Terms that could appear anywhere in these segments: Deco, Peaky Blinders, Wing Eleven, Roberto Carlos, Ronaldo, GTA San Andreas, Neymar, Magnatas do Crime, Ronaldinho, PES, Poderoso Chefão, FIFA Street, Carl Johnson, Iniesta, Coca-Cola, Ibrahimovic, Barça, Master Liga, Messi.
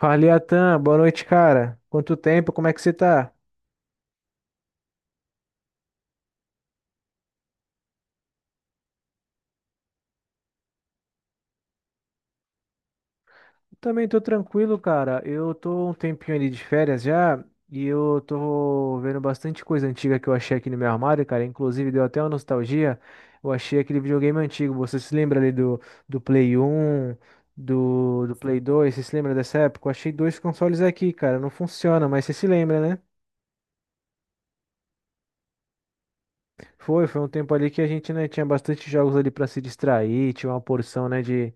Fala, Atan, boa noite, cara. Quanto tempo, como é que você tá? Também tô tranquilo, cara. Eu tô um tempinho ali de férias já e eu tô vendo bastante coisa antiga que eu achei aqui no meu armário, cara. Inclusive deu até uma nostalgia. Eu achei aquele videogame antigo. Você se lembra ali do Play um, do Play 2? Você se lembra dessa época? Eu achei dois consoles aqui, cara. Não funciona, mas você se lembra, né? Foi um tempo ali que a gente, né, tinha bastante jogos ali pra se distrair, tinha uma porção, né, de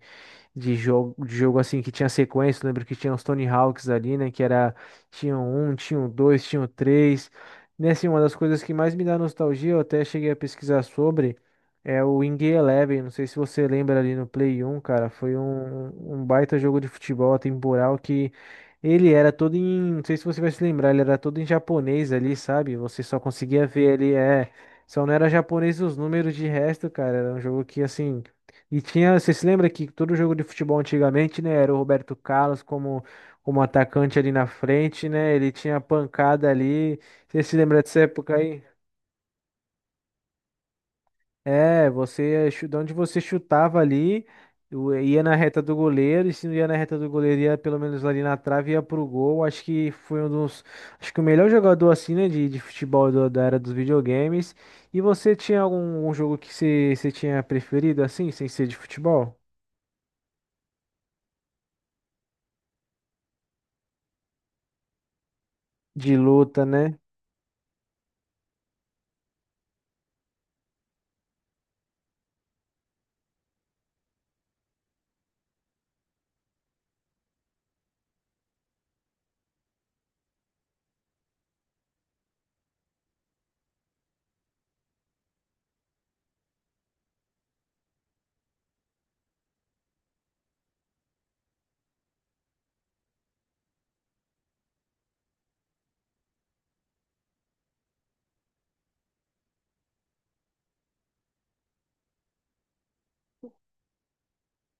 de jogo, de jogo assim que tinha sequência. Eu lembro que tinha os Tony Hawks ali, né? Que era, tinha o um, tinha o dois, tinha o três. E assim, uma das coisas que mais me dá nostalgia, eu até cheguei a pesquisar sobre, é o Wing Eleven. Não sei se você lembra ali no Play 1, cara. Foi um, um baita jogo de futebol atemporal que. Ele era todo em, não sei se você vai se lembrar, ele era todo em japonês ali, sabe? Você só conseguia ver ali, é, só não era japonês os números de resto, cara. Era um jogo que, assim, e tinha, você se lembra que todo jogo de futebol antigamente, né, era o Roberto Carlos como, como atacante ali na frente, né? Ele tinha pancada ali. Você se lembra dessa época aí? É, você, de onde você chutava ali, ia na reta do goleiro, e se não ia na reta do goleiro, ia pelo menos ali na trave, ia pro gol. Acho que foi um dos, acho que o melhor jogador assim, né, de futebol da era dos videogames. E você tinha algum um jogo que você, você tinha preferido assim, sem ser de futebol? De luta, né?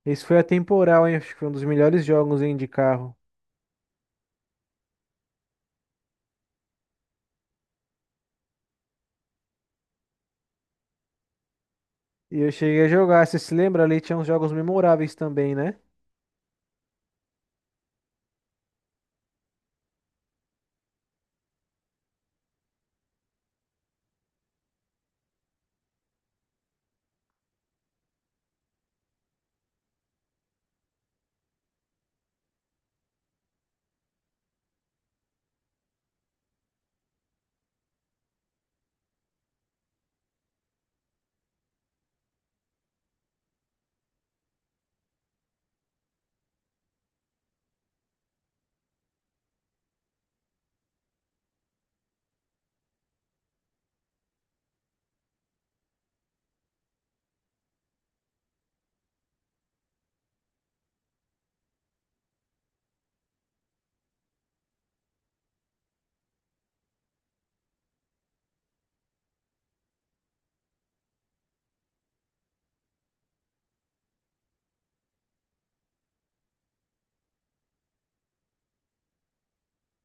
Esse foi atemporal, hein? Acho que foi um dos melhores jogos, hein, de carro. E eu cheguei a jogar, você se lembra ali, tinha uns jogos memoráveis também, né?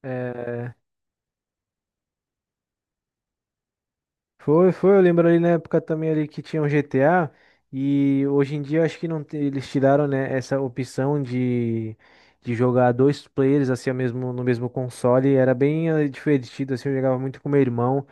É, foi, eu lembro ali na época também ali que tinha o GTA e hoje em dia eu acho que não tem- eles tiraram, né, essa opção de jogar dois players assim ao mesmo, no mesmo console, era bem divertido assim, eu jogava muito com meu irmão.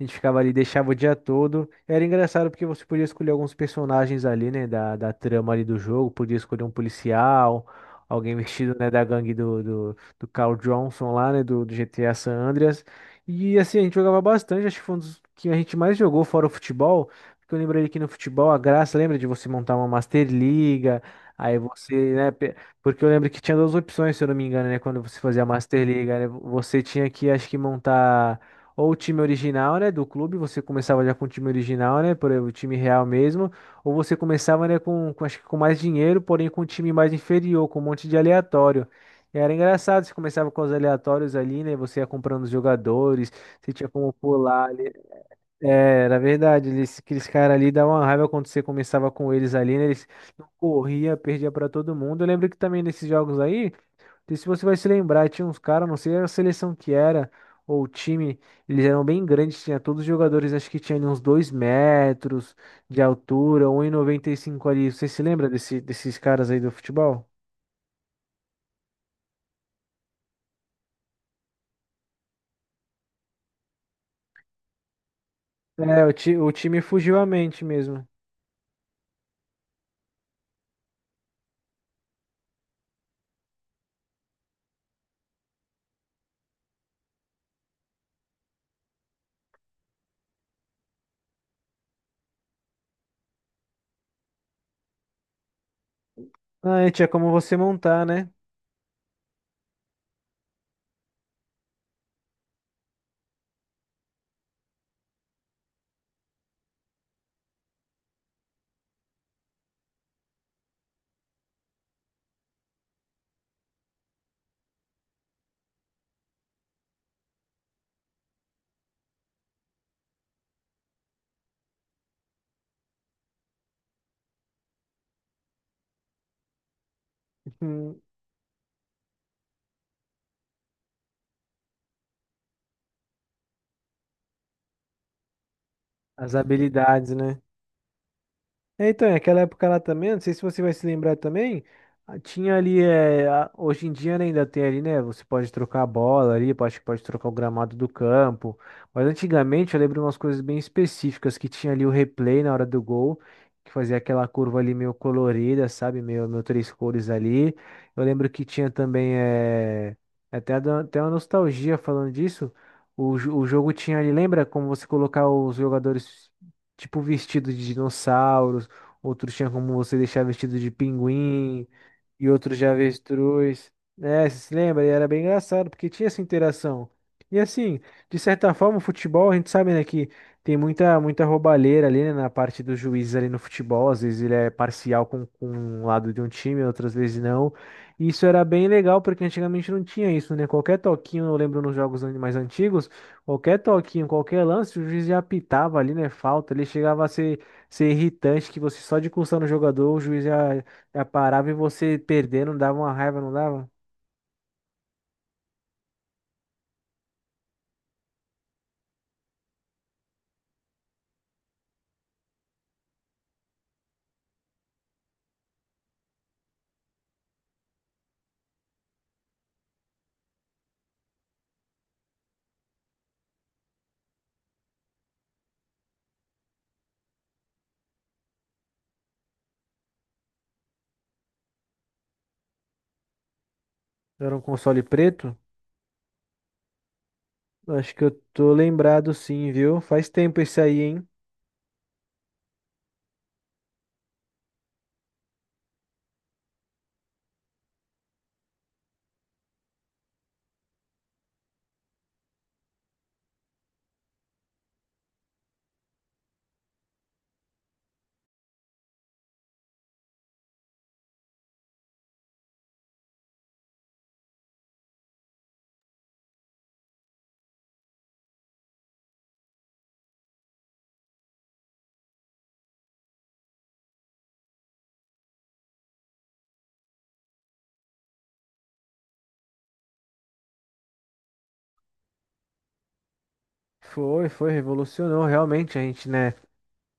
A gente ficava ali, deixava o dia todo. Era engraçado porque você podia escolher alguns personagens ali, né, da trama ali do jogo. Podia escolher um policial, alguém vestido, né, da gangue do Carl Johnson lá, né, do GTA San Andreas. E assim, a gente jogava bastante, acho que foi um dos que a gente mais jogou fora o futebol. Porque eu lembro ali que no futebol a graça, lembra de você montar uma Master Liga, aí você, né, porque eu lembro que tinha duas opções, se eu não me engano, né, quando você fazia a Master Liga, né, você tinha que, acho que montar ou o time original, né, do clube, você começava já com o time original, né, por exemplo, o time real mesmo, ou você começava, né, acho que com mais dinheiro, porém com um time mais inferior, com um monte de aleatório. E era engraçado, você começava com os aleatórios ali, né, você ia comprando os jogadores, você tinha como pular ali. É, era verdade, eles, aqueles caras ali davam uma raiva quando você começava com eles ali, né, eles não corria, perdia pra todo mundo. Eu lembro que também nesses jogos aí não sei se você vai se lembrar, tinha uns caras, não sei a seleção que era, ou o time, eles eram bem grandes, tinha todos os jogadores, acho que tinha ali uns 2 metros de altura, um e noventa e cinco ali. Você se lembra desse, desses caras aí do futebol? É, o time fugiu à mente mesmo. Ah, é, tinha como você montar, né? As habilidades, né? É, então, é aquela época lá também, não sei se você vai se lembrar também, ah, tinha ali, é, hoje em dia né, ainda tem ali, né, você pode trocar a bola ali, pode, pode trocar o gramado do campo, mas antigamente eu lembro umas coisas bem específicas, que tinha ali o replay na hora do gol, que fazia aquela curva ali meio colorida, sabe, meio, meio três cores ali, eu lembro que tinha também, é, é até, até uma nostalgia falando disso, o jogo tinha ali, lembra como você colocar os jogadores tipo vestido de dinossauros. Outros tinha como você deixar vestido de pinguim e outros de avestruz. É, você se lembra? E era bem engraçado, porque tinha essa interação. E assim, de certa forma, o futebol, a gente sabe, né, que tem muita, muita roubalheira ali, né, na parte dos juízes ali no futebol. Às vezes ele é parcial com um lado de um time, outras vezes não. E isso era bem legal, porque antigamente não tinha isso, né? Qualquer toquinho, eu lembro nos jogos mais antigos, qualquer toquinho, qualquer lance, o juiz já apitava ali, né, falta. Ele chegava a ser irritante que você só de coçar o jogador, o juiz já, já parava e você perdendo, dava uma raiva, não dava? Era um console preto? Acho que eu tô lembrado sim, viu? Faz tempo esse aí, hein? Foi, revolucionou realmente a gente, né?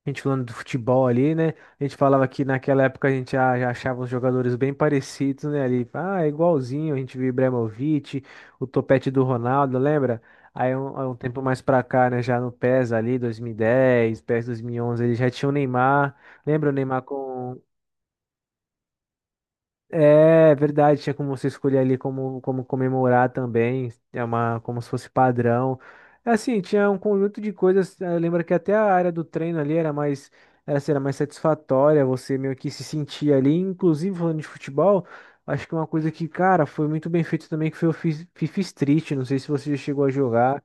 A gente falando do futebol ali, né? A gente falava que naquela época a gente já, já achava os jogadores bem parecidos, né? Ali, ah, é igualzinho, a gente viu o Ibrahimovic, o topete do Ronaldo, lembra? Aí um tempo mais pra cá, né? Já no PES ali, 2010, PES 2011, ele já tinha o Neymar. Lembra o Neymar com é verdade, tinha como você escolher ali como, como comemorar também, é uma, como se fosse padrão. É assim, tinha um conjunto de coisas, lembra que até a área do treino ali era mais, era, assim, era mais satisfatória, você meio que se sentia ali, inclusive falando de futebol, acho que uma coisa que, cara, foi muito bem feito também, que foi o FIFA Street, não sei se você já chegou a jogar,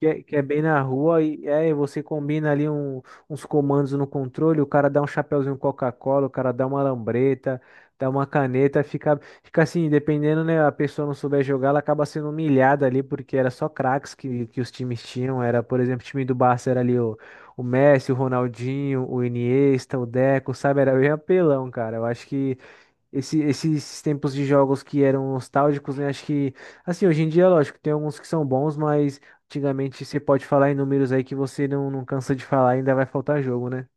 que é bem na rua e é, e você combina ali uns comandos no controle, o cara dá um chapeuzinho Coca-Cola, o cara dá uma lambreta, dá uma caneta, fica, fica assim, dependendo, né, a pessoa não souber jogar, ela acaba sendo humilhada ali, porque era só craques que os times tinham, era, por exemplo, o time do Barça era ali o Messi, o Ronaldinho, o Iniesta, o Deco, sabe, era bem apelão, cara, eu acho que esses tempos de jogos que eram nostálgicos, né? Acho que, assim, hoje em dia, lógico, tem alguns que são bons, mas antigamente você pode falar em números aí que você não, não cansa de falar, ainda vai faltar jogo, né?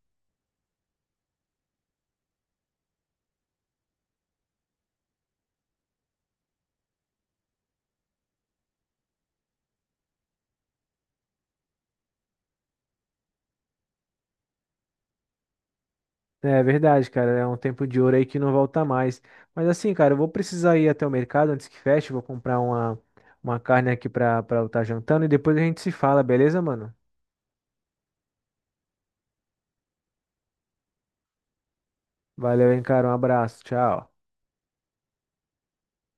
É verdade, cara. É um tempo de ouro aí que não volta mais. Mas assim, cara, eu vou precisar ir até o mercado antes que feche. Vou comprar uma carne aqui pra, pra eu estar jantando e depois a gente se fala, beleza, mano? Valeu, hein, cara. Um abraço. Tchau.